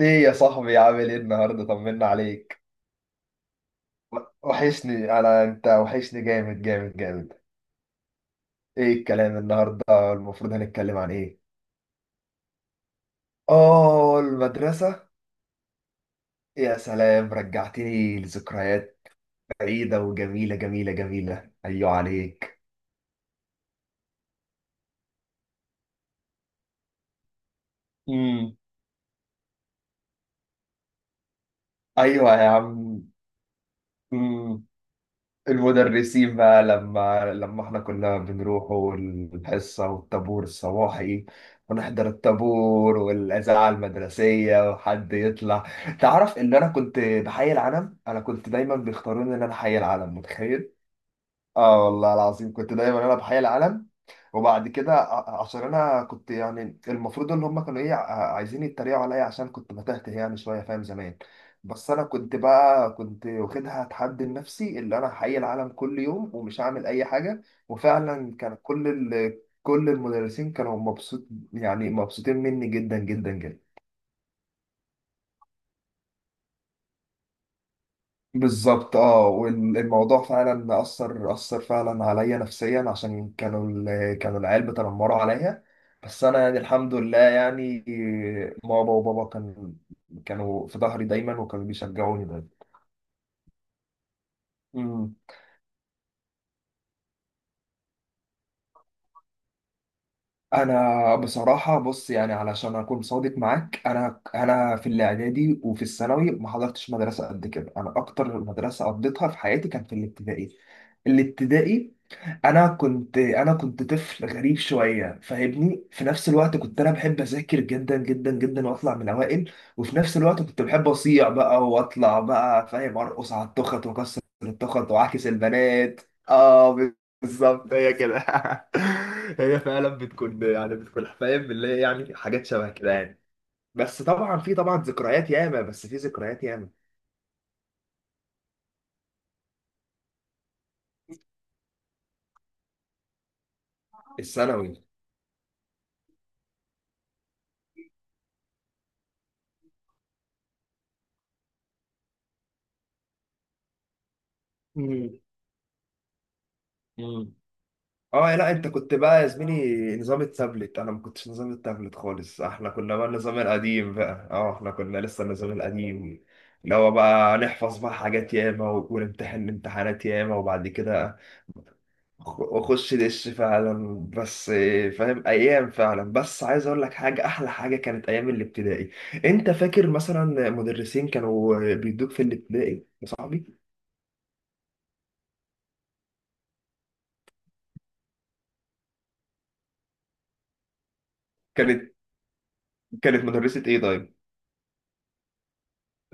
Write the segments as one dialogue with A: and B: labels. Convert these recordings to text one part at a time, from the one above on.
A: ايه يا صاحبي، عامل ايه النهارده؟ طمنا عليك. وحشني، انت وحشني جامد جامد جامد. ايه الكلام النهارده؟ المفروض هنتكلم عن ايه؟ اه المدرسة. يا سلام، رجعتني لذكريات بعيدة وجميلة جميلة جميلة. ايوه عليك. امم ايوه يا عم. مم. المدرسين بقى لما احنا كنا بنروح الحصة والطابور الصباحي، ونحضر الطابور والإذاعة المدرسية وحد يطلع. تعرف إن أنا كنت بحي العلم؟ أنا كنت دايما بيختاروني إن أنا حي العلم، متخيل؟ آه والله العظيم، كنت دايما أنا بحي العلم. وبعد كده عشان انا كنت، يعني المفروض ان هم كانوا ايه، عايزين يتريقوا عليا عشان كنت بتهته يعني شويه، فاهم زمان. بس انا كنت بقى، كنت واخدها تحدي لنفسي اللي انا هحيي العالم كل يوم ومش هعمل اي حاجه. وفعلا كان كل كل المدرسين كانوا مبسوط، يعني مبسوطين مني جدا جدا جدا. بالظبط اه، والموضوع فعلا اثر فعلا عليا نفسيا عشان كانوا كانوا العيال بيتنمروا عليا. بس انا يعني الحمد لله، يعني ماما وبابا كان، كانوا في ظهري دايما وكانوا بيشجعوني دايما. مم. انا بصراحه بص، يعني علشان اكون صادق معاك، انا في الاعدادي وفي الثانوي ما حضرتش مدرسه قد كده. انا اكتر مدرسه قضيتها في حياتي كان في الابتدائي. الابتدائي، انا كنت طفل غريب شويه فاهمني. في نفس الوقت كنت انا بحب اذاكر جدا جدا جدا واطلع من الاوائل، وفي نفس الوقت كنت بحب اصيع بقى واطلع بقى فاهم، ارقص على التخت واكسر التخت واعكس البنات. اه بالظبط، هي كده. هي فعلا بتكون يعني، بتكون فاهم اللي هي يعني حاجات شبه كده يعني. بس طبعا في، طبعا ذكريات ياما، بس في ذكريات ياما. الثانوي. مم. اه لا، انت كنت بقى يا زميلي نظام التابلت، انا ما كنتش نظام التابلت خالص، احنا كنا بقى النظام القديم بقى. اه احنا كنا لسه النظام القديم، اللي هو بقى نحفظ بقى حاجات ياما، ونمتحن امتحانات ياما، وبعد كده اخش دش فعلا. بس آه، فاهم، ايام فعلا. بس عايز اقول لك حاجه، احلى حاجه كانت ايام الابتدائي. انت فاكر مثلا مدرسين كانوا بيدوك في الابتدائي يا صاحبي؟ كانت، كانت مدرسه ايه؟ طيب،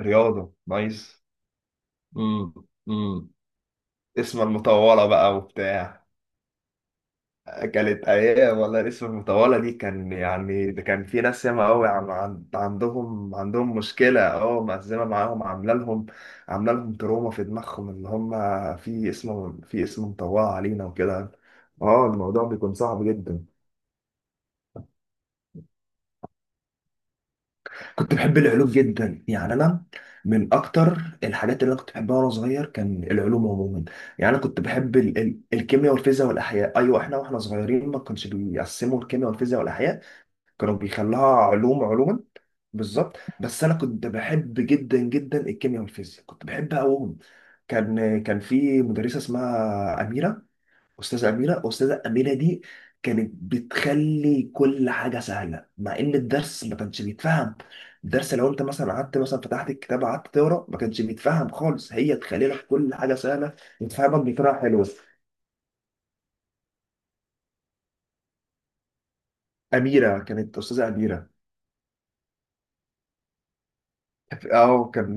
A: رياضه، نايس. امم امم اسم المطولة بقى وبتاع. كانت أيام والله. الاسم المطولة دي كان، يعني ده كان في ناس ياما أوي، عندهم عندهم مشكلة، أه مأزمة معاهم، عاملة لهم، عاملة لهم تروما في دماغهم اللي هم في اسم، في اسم مطولة علينا وكده. أه الموضوع بيكون صعب جدا. كنت بحب العلوم جدا، يعني انا من اكتر الحاجات اللي انا كنت بحبها وانا صغير كان العلوم عموما. يعني انا كنت بحب ال الكيمياء والفيزياء والاحياء. ايوه احنا واحنا صغيرين ما كانش بيقسموا الكيمياء والفيزياء والاحياء، كانوا بيخلوها علوم، علوما. بالظبط. بس انا كنت بحب جدا جدا الكيمياء والفيزياء، كنت بحبها قوي. كان في مدرسه اسمها اميره، استاذه اميره. استاذه اميره دي كانت بتخلي كل حاجه سهله، مع ان الدرس ما كانش بيتفهم. الدرس لو انت مثلا قعدت مثلا فتحت الكتاب قعدت تقرا ما كانش بيتفهم خالص، هي تخلي لك كل حاجه سهله وتفهمك بطريقه حلوه. اميره، كانت استاذه اميره. اه كان،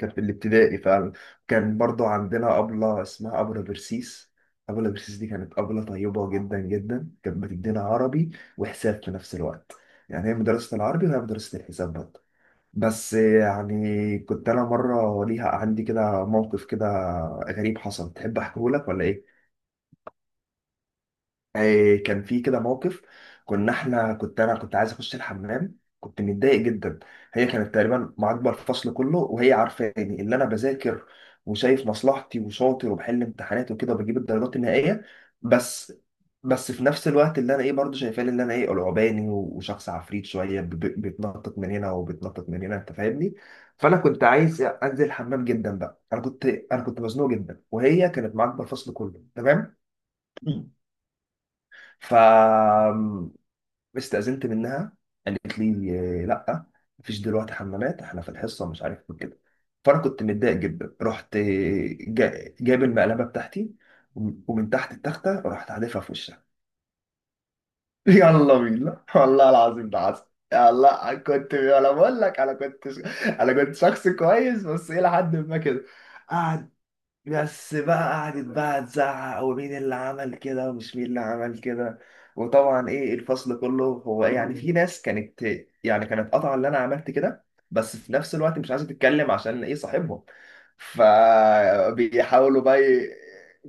A: كان في الابتدائي فعلا. كان برضو عندنا ابله اسمها ابله برسيس. ابله برسيس دي كانت ابله طيبه جدا جدا. كانت بتدينا عربي وحساب في نفس الوقت، يعني هي مدرسه العربي وهي مدرسه الحساب برضه. بس يعني كنت انا مره ليها عندي كده موقف كده غريب حصل، تحب احكيه لك ولا ايه؟ آه، كان في كده موقف. كنا احنا، كنت انا كنت عايز اخش الحمام، كنت متضايق جدا. هي كانت تقريبا معاقبه الفصل كله، وهي عارفاني اللي انا بذاكر وشايف مصلحتي وشاطر وبحل امتحانات وكده وبجيب الدرجات النهائيه. بس بس في نفس الوقت اللي انا ايه برضه شايفاني اللي انا ايه قلعباني وشخص عفريت شويه، بيتنطط من هنا وبيتنطط من هنا انت فاهمني. فانا كنت عايز انزل الحمام جدا بقى، انا كنت مزنوق جدا وهي كانت معاقبه الفصل كله، تمام. ف، استأذنت منها. قالت لي آه، لا، مفيش دلوقتي حمامات، احنا في الحصه مش عارف إيه كده. فانا كنت متضايق جدا، رحت آه، جايب المقلبه بتاعتي، ومن تحت التخته رحت حادفها في وشها. يلا بينا، والله العظيم ده حصل. يلا، أنا كنت انا بقول لك انا كنت انا كنت شخص كويس بس الى حد ما كده. قعد، بس بقى قعدت بقى تزعق ومين اللي عمل كده ومش مين اللي عمل كده. وطبعا ايه الفصل كله هو، يعني في ناس كانت، يعني كانت قاطعه اللي انا عملت كده، بس في نفس الوقت مش عايزه تتكلم عشان ايه صاحبهم. فبيحاولوا بقى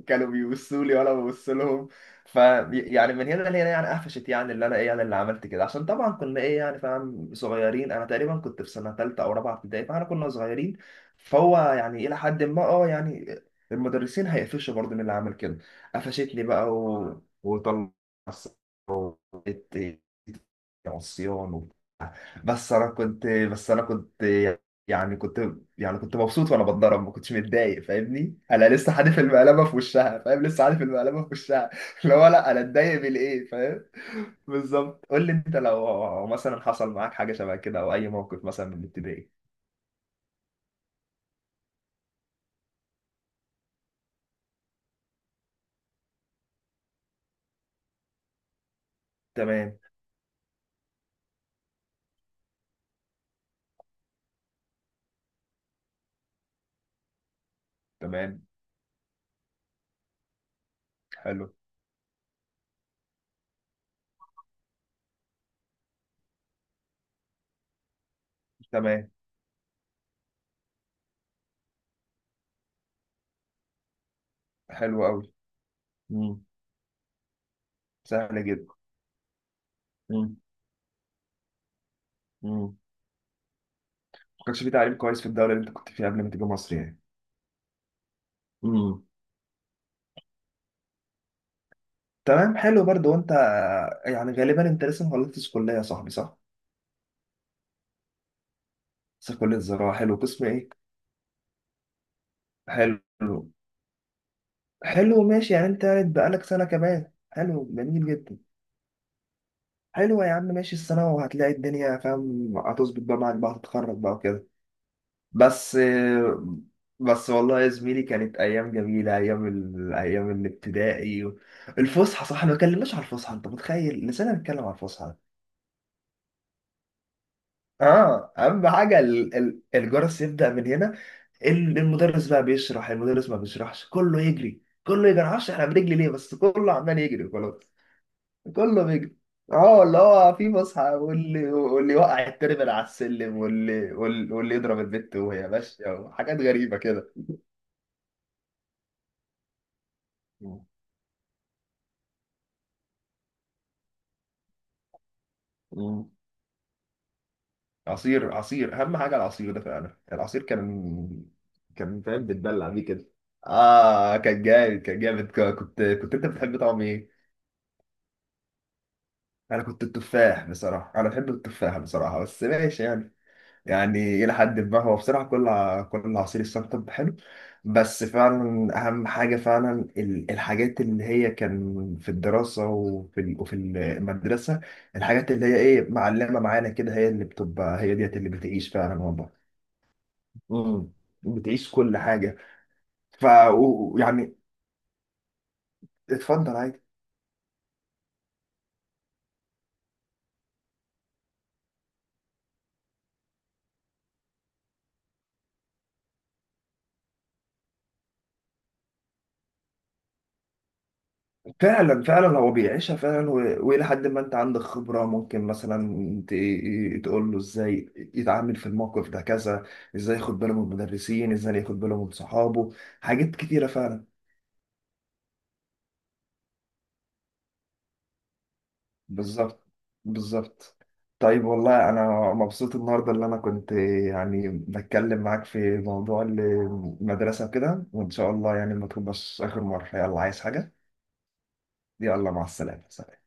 A: كانوا بيبصوا لي وانا ببص لهم. ف، يعني من هنا لهنا يعني قفشت، يعني اللي انا ايه يعني اللي عملت كده، عشان طبعا كنا ايه يعني فاهم صغيرين، انا تقريبا كنت في سنه ثالثه او رابعه ابتدائي، فاحنا كنا صغيرين. فهو يعني الى حد ما اه يعني المدرسين هيقفشوا برضه من اللي عمل كده. قفشتني بقى وطلعت عصيان و... بس انا كنت بس انا كنت يعني كنت يعني كنت مبسوط وانا بتضرب ما كنتش متضايق فاهمني، انا لسه حادف المقلبه في وشها فاهم، لسه حادف المقلبه في وشها. اللي هو لا انا اتضايق من ايه فاهم. بالظبط. قول لي انت لو مثلا حصل معاك حاجه شبه كده او اي موقف مثلا من الابتدائي. تمام. تمام. حلو. تمام. حلو قوي. سهل جدا. مم. ما كانش في تعليم كويس في الدوله اللي انت كنت فيها قبل ما تيجي مصر يعني؟ مم. تمام، حلو برضو. وانت يعني غالبا انت لسه ما خلصتش كليه يا صاحبي، صح؟ بس كليه زراعه، حلو، قسم ايه؟ حلو. حلو، ماشي. يعني انت بقالك سنه كمان، حلو جميل جدا. حلو يا عم، ماشي السنه وهتلاقي الدنيا فاهم هتظبط بقى معاك، بقى هتتخرج بقى وكده. بس، والله يا زميلي كانت ايام جميله، ايام الابتدائي. الفسحه، صح ما اتكلمناش على الفسحه. انت متخيل لسنا بنتكلم على الفسحه؟ اه اهم حاجه، الجرس يبدا من هنا، المدرس بقى بيشرح، المدرس ما بيشرحش، كله يجري كله يجري، معرفش احنا بنجري ليه، بس كله عمال يجري وخلاص. كله بيجري. اه اللي هو في فسحه، واللي يوقع التربل على السلم، واللي يضرب البت وهي ماشيه، وحاجات غريبه كده. مم. مم. عصير، عصير اهم حاجه، العصير ده فعلا، العصير كان، كان فاهم بتبلع بيه كده. اه كان جامد، كان جامد، كنت انت بتحب طعم ايه؟ انا كنت التفاح بصراحه، انا بحب التفاح بصراحه بس ماشي يعني. يعني الى حد ما هو بصراحه كل كل عصير السنتب حلو. بس فعلا اهم حاجه فعلا، الحاجات اللي هي كان في الدراسه وفي وفي المدرسه، الحاجات اللي هي ايه معلمه معانا كده، هي اللي بتبقى هي ديت اللي بتعيش فعلا والله. امم بتعيش كل حاجه. ف يعني اتفضل عادي. فعلا فعلا هو بيعيشها فعلا، والى حد ما انت عندك خبره ممكن مثلا تقول له ازاي يتعامل في الموقف ده كذا، ازاي ياخد باله من المدرسين، ازاي ياخد باله من صحابه، حاجات كتيره فعلا. بالظبط، بالظبط. طيب والله انا مبسوط النهارده، اللي انا كنت يعني بتكلم معاك في موضوع المدرسه كده، وان شاء الله يعني ما تبقاش اخر مره. يلا، عايز حاجه؟ يلا، مع السلامه.